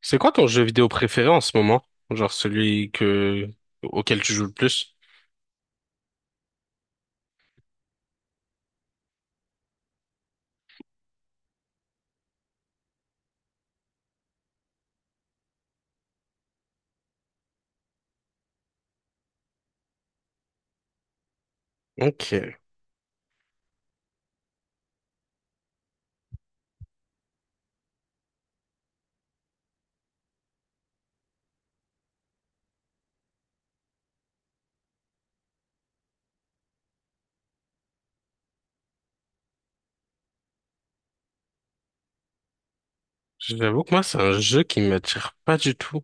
C'est quoi ton jeu vidéo préféré en ce moment? Genre celui que auquel tu joues le plus? Ok. J'avoue que moi, c'est un jeu qui m'attire pas du tout.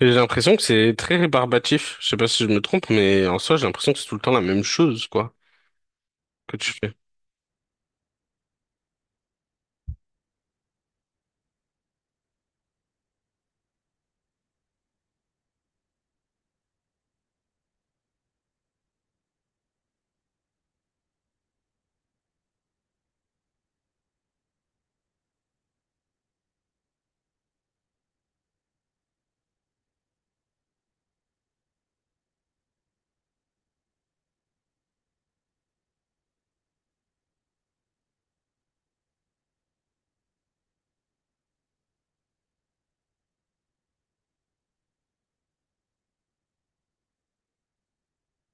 J'ai l'impression que c'est très rébarbatif. Je sais pas si je me trompe, mais en soi, j'ai l'impression que c'est tout le temps la même chose, quoi, que tu fais.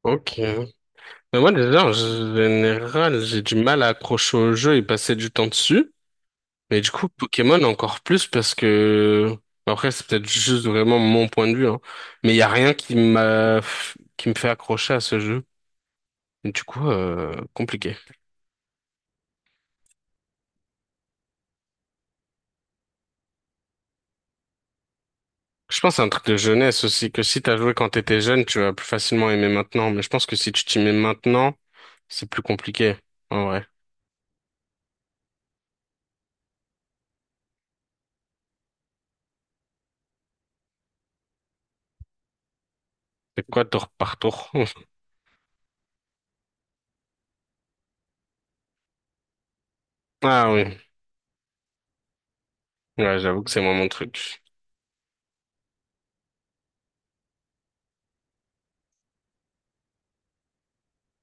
Ok. Mais moi, déjà, en général, j'ai du mal à accrocher au jeu et passer du temps dessus. Mais du coup, Pokémon encore plus parce que, après, c'est peut-être juste vraiment mon point de vue, hein. Mais il y a rien qui m'a, qui me fait accrocher à ce jeu. Du coup, compliqué. Je pense à un truc de jeunesse aussi, que si t'as joué quand t'étais jeune, tu vas plus facilement aimer maintenant. Mais je pense que si tu t'y mets maintenant, c'est plus compliqué. En vrai. C'est quoi tour par tour? Ah oui. Ouais, j'avoue que c'est moi mon truc.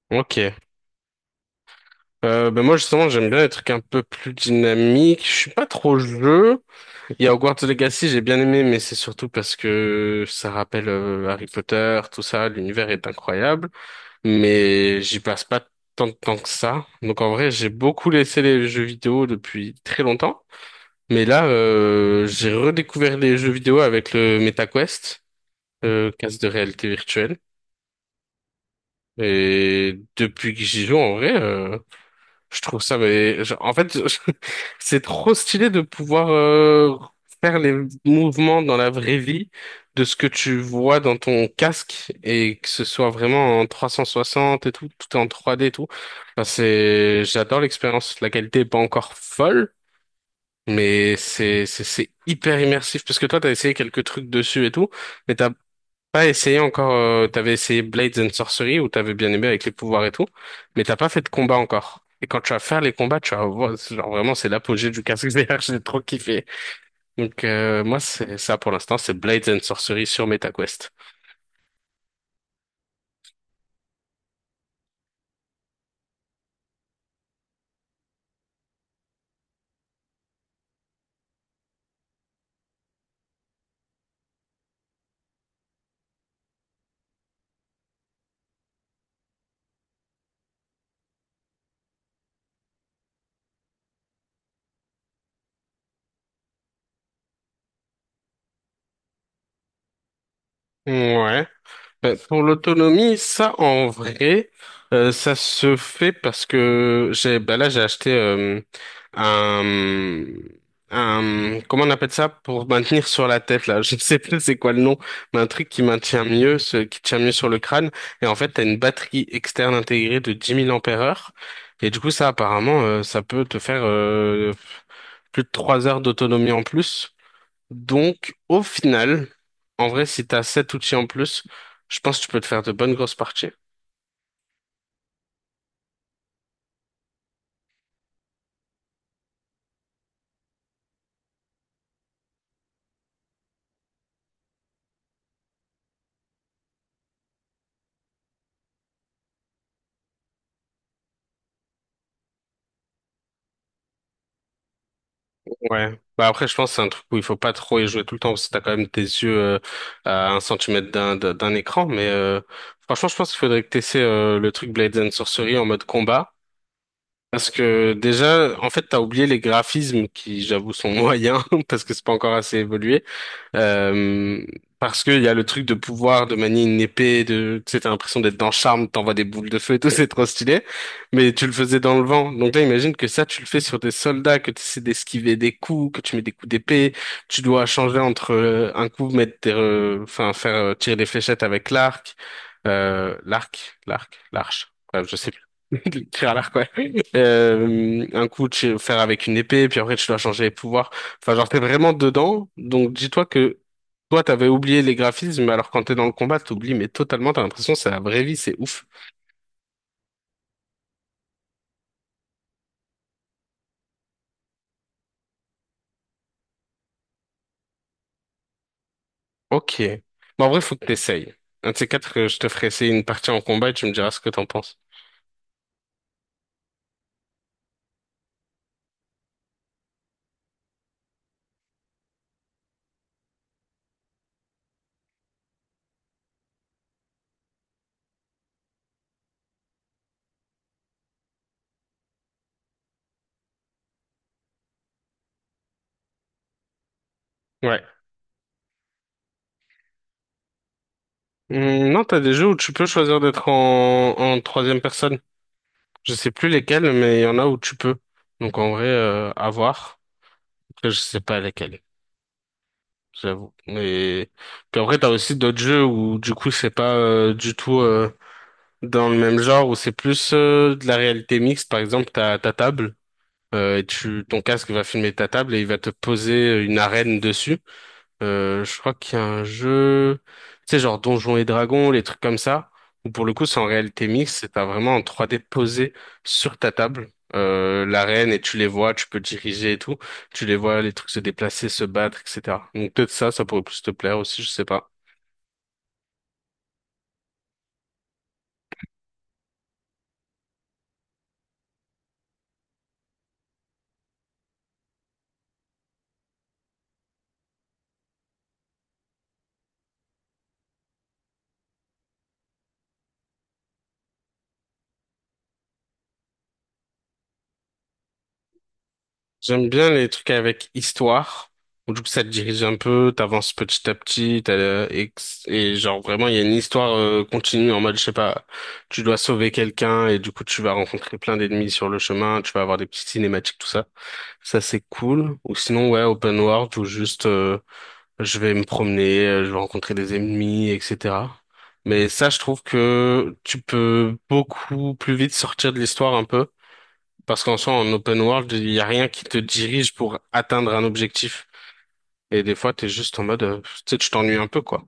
Ok. Ben moi justement, j'aime bien les trucs un peu plus dynamiques. Je suis pas trop jeu. Il y a Hogwarts Legacy, j'ai bien aimé, mais c'est surtout parce que ça rappelle Harry Potter, tout ça. L'univers est incroyable, mais j'y passe pas tant de temps que ça. Donc en vrai, j'ai beaucoup laissé les jeux vidéo depuis très longtemps. Mais là, j'ai redécouvert les jeux vidéo avec le MetaQuest, casque de réalité virtuelle. Et depuis que j'y joue, en vrai, je trouve ça, mais en fait, c'est trop stylé de pouvoir faire les mouvements dans la vraie vie de ce que tu vois dans ton casque et que ce soit vraiment en 360 et tout, tout est en 3D et tout. Enfin, c'est, j'adore l'expérience. La qualité est pas encore folle, mais c'est hyper immersif parce que toi t'as essayé quelques trucs dessus et tout, mais t'as pas essayé encore, t'avais essayé Blades and Sorcery où t'avais bien aimé avec les pouvoirs et tout, mais t'as pas fait de combat encore. Et quand tu vas faire les combats, tu vas voir, c'est genre vraiment c'est l'apogée du casque VR, j'ai trop kiffé. Donc moi c'est ça pour l'instant, c'est Blades and Sorcery sur MetaQuest. Ouais. Ben, pour l'autonomie, ça en vrai, ça se fait parce que j'ai ben là j'ai acheté un un comment on appelle ça pour maintenir sur la tête là, je sais plus c'est quoi le nom, mais un truc qui maintient mieux, ce qui tient mieux sur le crâne et en fait t'as une batterie externe intégrée de 10 000 ampères-heure et du coup ça apparemment ça peut te faire plus de 3 heures d'autonomie en plus. Donc, au final, en vrai, si t'as sept outils en plus, je pense que tu peux te faire de bonnes grosses parties. Ouais. Bah après, je pense que c'est un truc où il faut pas trop y jouer tout le temps, parce que t'as quand même tes yeux à un centimètre d'un écran. Mais franchement, je pense qu'il faudrait que t'essaies le truc Blades and Sorcery en mode combat. Parce que déjà, en fait, t'as oublié les graphismes qui, j'avoue, sont moyens parce que c'est pas encore assez évolué. Euh, Parce qu'il y a le truc de pouvoir de manier une épée, de, tu sais, t'as l'impression d'être dans Charme, t'envoies des boules de feu et tout, c'est trop stylé. Mais tu le faisais dans le vent. Donc là, imagine que ça, tu le fais sur des soldats, que tu essaies d'esquiver des coups, que tu mets des coups d'épée, tu dois changer entre un coup, mettre enfin, faire tirer des fléchettes avec l'arc, l'arc, l'arc, l'arche. Bref, je sais plus. Tir à l'arc, un coup, tu faire avec une épée, puis après, tu dois changer les pouvoirs. Enfin, genre, t'es vraiment dedans. Donc, dis-toi que toi, t'avais oublié les graphismes, alors quand t'es dans le combat, t'oublies, mais totalement, t'as l'impression que c'est la vraie vie, c'est ouf. Ok. Bon, en vrai, faut que t'essayes. Un de ces quatre, je te ferai essayer une partie en combat et tu me diras ce que t'en penses. Ouais. Non, t'as des jeux où tu peux choisir d'être en, en troisième personne. Je sais plus lesquels, mais il y en a où tu peux. Donc, en vrai, à voir. Après, je sais pas lesquels, j'avoue. Et puis après, t'as aussi d'autres jeux où du coup, c'est pas du tout dans le même genre, où c'est plus de la réalité mixte. Par exemple, t'as ta table, et ton casque va filmer ta table et il va te poser une arène dessus. Je crois qu'il y a un jeu, tu sais, genre Donjons et Dragons, les trucs comme ça, où pour le coup, c'est en réalité mixte, c'est t'as vraiment en 3D posé sur ta table, l'arène, et tu les vois, tu peux diriger et tout, tu les vois, les trucs se déplacer, se battre, etc. Donc peut-être ça, ça pourrait plus te plaire aussi, je sais pas. J'aime bien les trucs avec histoire où du coup, ça te dirige un peu, t'avances petit à petit, et, genre vraiment, il y a une histoire continue en mode, je sais pas, tu dois sauver quelqu'un et du coup, tu vas rencontrer plein d'ennemis sur le chemin, tu vas avoir des petites cinématiques, tout ça. Ça, c'est cool. Ou sinon, ouais, open world où juste, je vais me promener, je vais rencontrer des ennemis, etc. Mais ça, je trouve que tu peux beaucoup plus vite sortir de l'histoire un peu parce qu'en soi, en open world, il n'y a rien qui te dirige pour atteindre un objectif. Et des fois, t'es juste en mode, tu sais, tu t'ennuies un peu, quoi.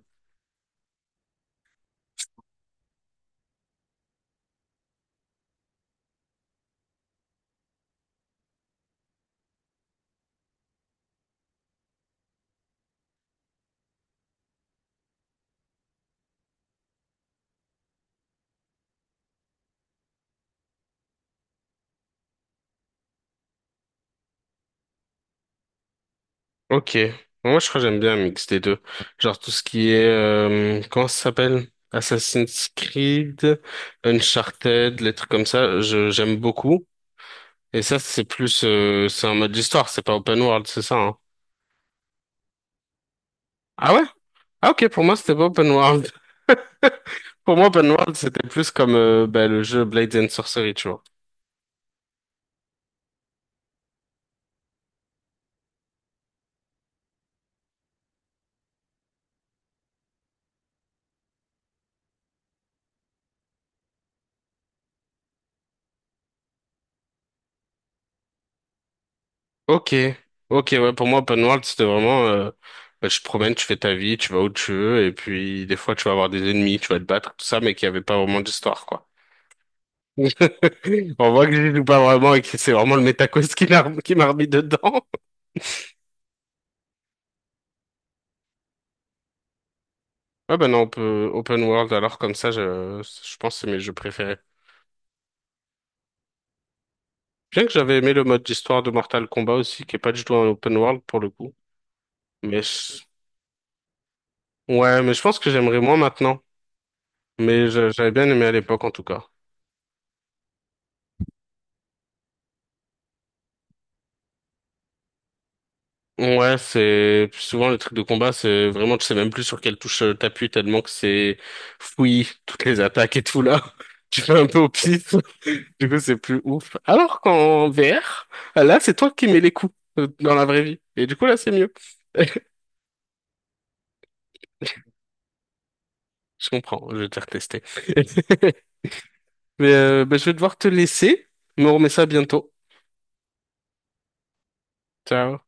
Ok. Moi, je crois que j'aime bien un mix des deux. Genre tout ce qui est, comment ça s'appelle? Assassin's Creed, Uncharted, les trucs comme ça, j'aime beaucoup. Et ça, c'est plus, c'est un mode d'histoire, c'est pas open world, c'est ça, hein. Ah ouais? Ah ok, pour moi, c'était pas open world. Pour moi, open world, c'était plus comme, bah, le jeu Blades and Sorcery, tu vois. Ok, ok, ouais, pour moi, open world, c'était vraiment, bah, tu te promènes, tu fais ta vie, tu vas où tu veux, et puis des fois, tu vas avoir des ennemis, tu vas te battre, tout ça, mais qu'il n'y avait pas vraiment d'histoire, quoi. On voit que j'y joue pas vraiment et que c'est vraiment le Metaquest qui m'a remis dedans. Ouais, ben non, on peut open world, alors comme ça, je pense que c'est mes jeux préférés. Bien que j'avais aimé le mode d'histoire de Mortal Kombat aussi, qui est pas du tout un open world pour le coup. Mais je- ouais, mais je pense que j'aimerais moins maintenant. J'avais bien aimé à l'époque, en tout cas. Ouais, c'est souvent le truc de combat, c'est vraiment, tu sais même plus sur quelle touche t'appuies tellement que c'est fouillis, toutes les attaques et tout là. Tu fais un peu au pif, du coup c'est plus ouf. Alors qu'en VR, là c'est toi qui mets les coups dans la vraie vie. Et du coup là c'est mieux. Je comprends, je vais te retester. Mais bah, je vais devoir te laisser, mais on remet ça bientôt. Ciao.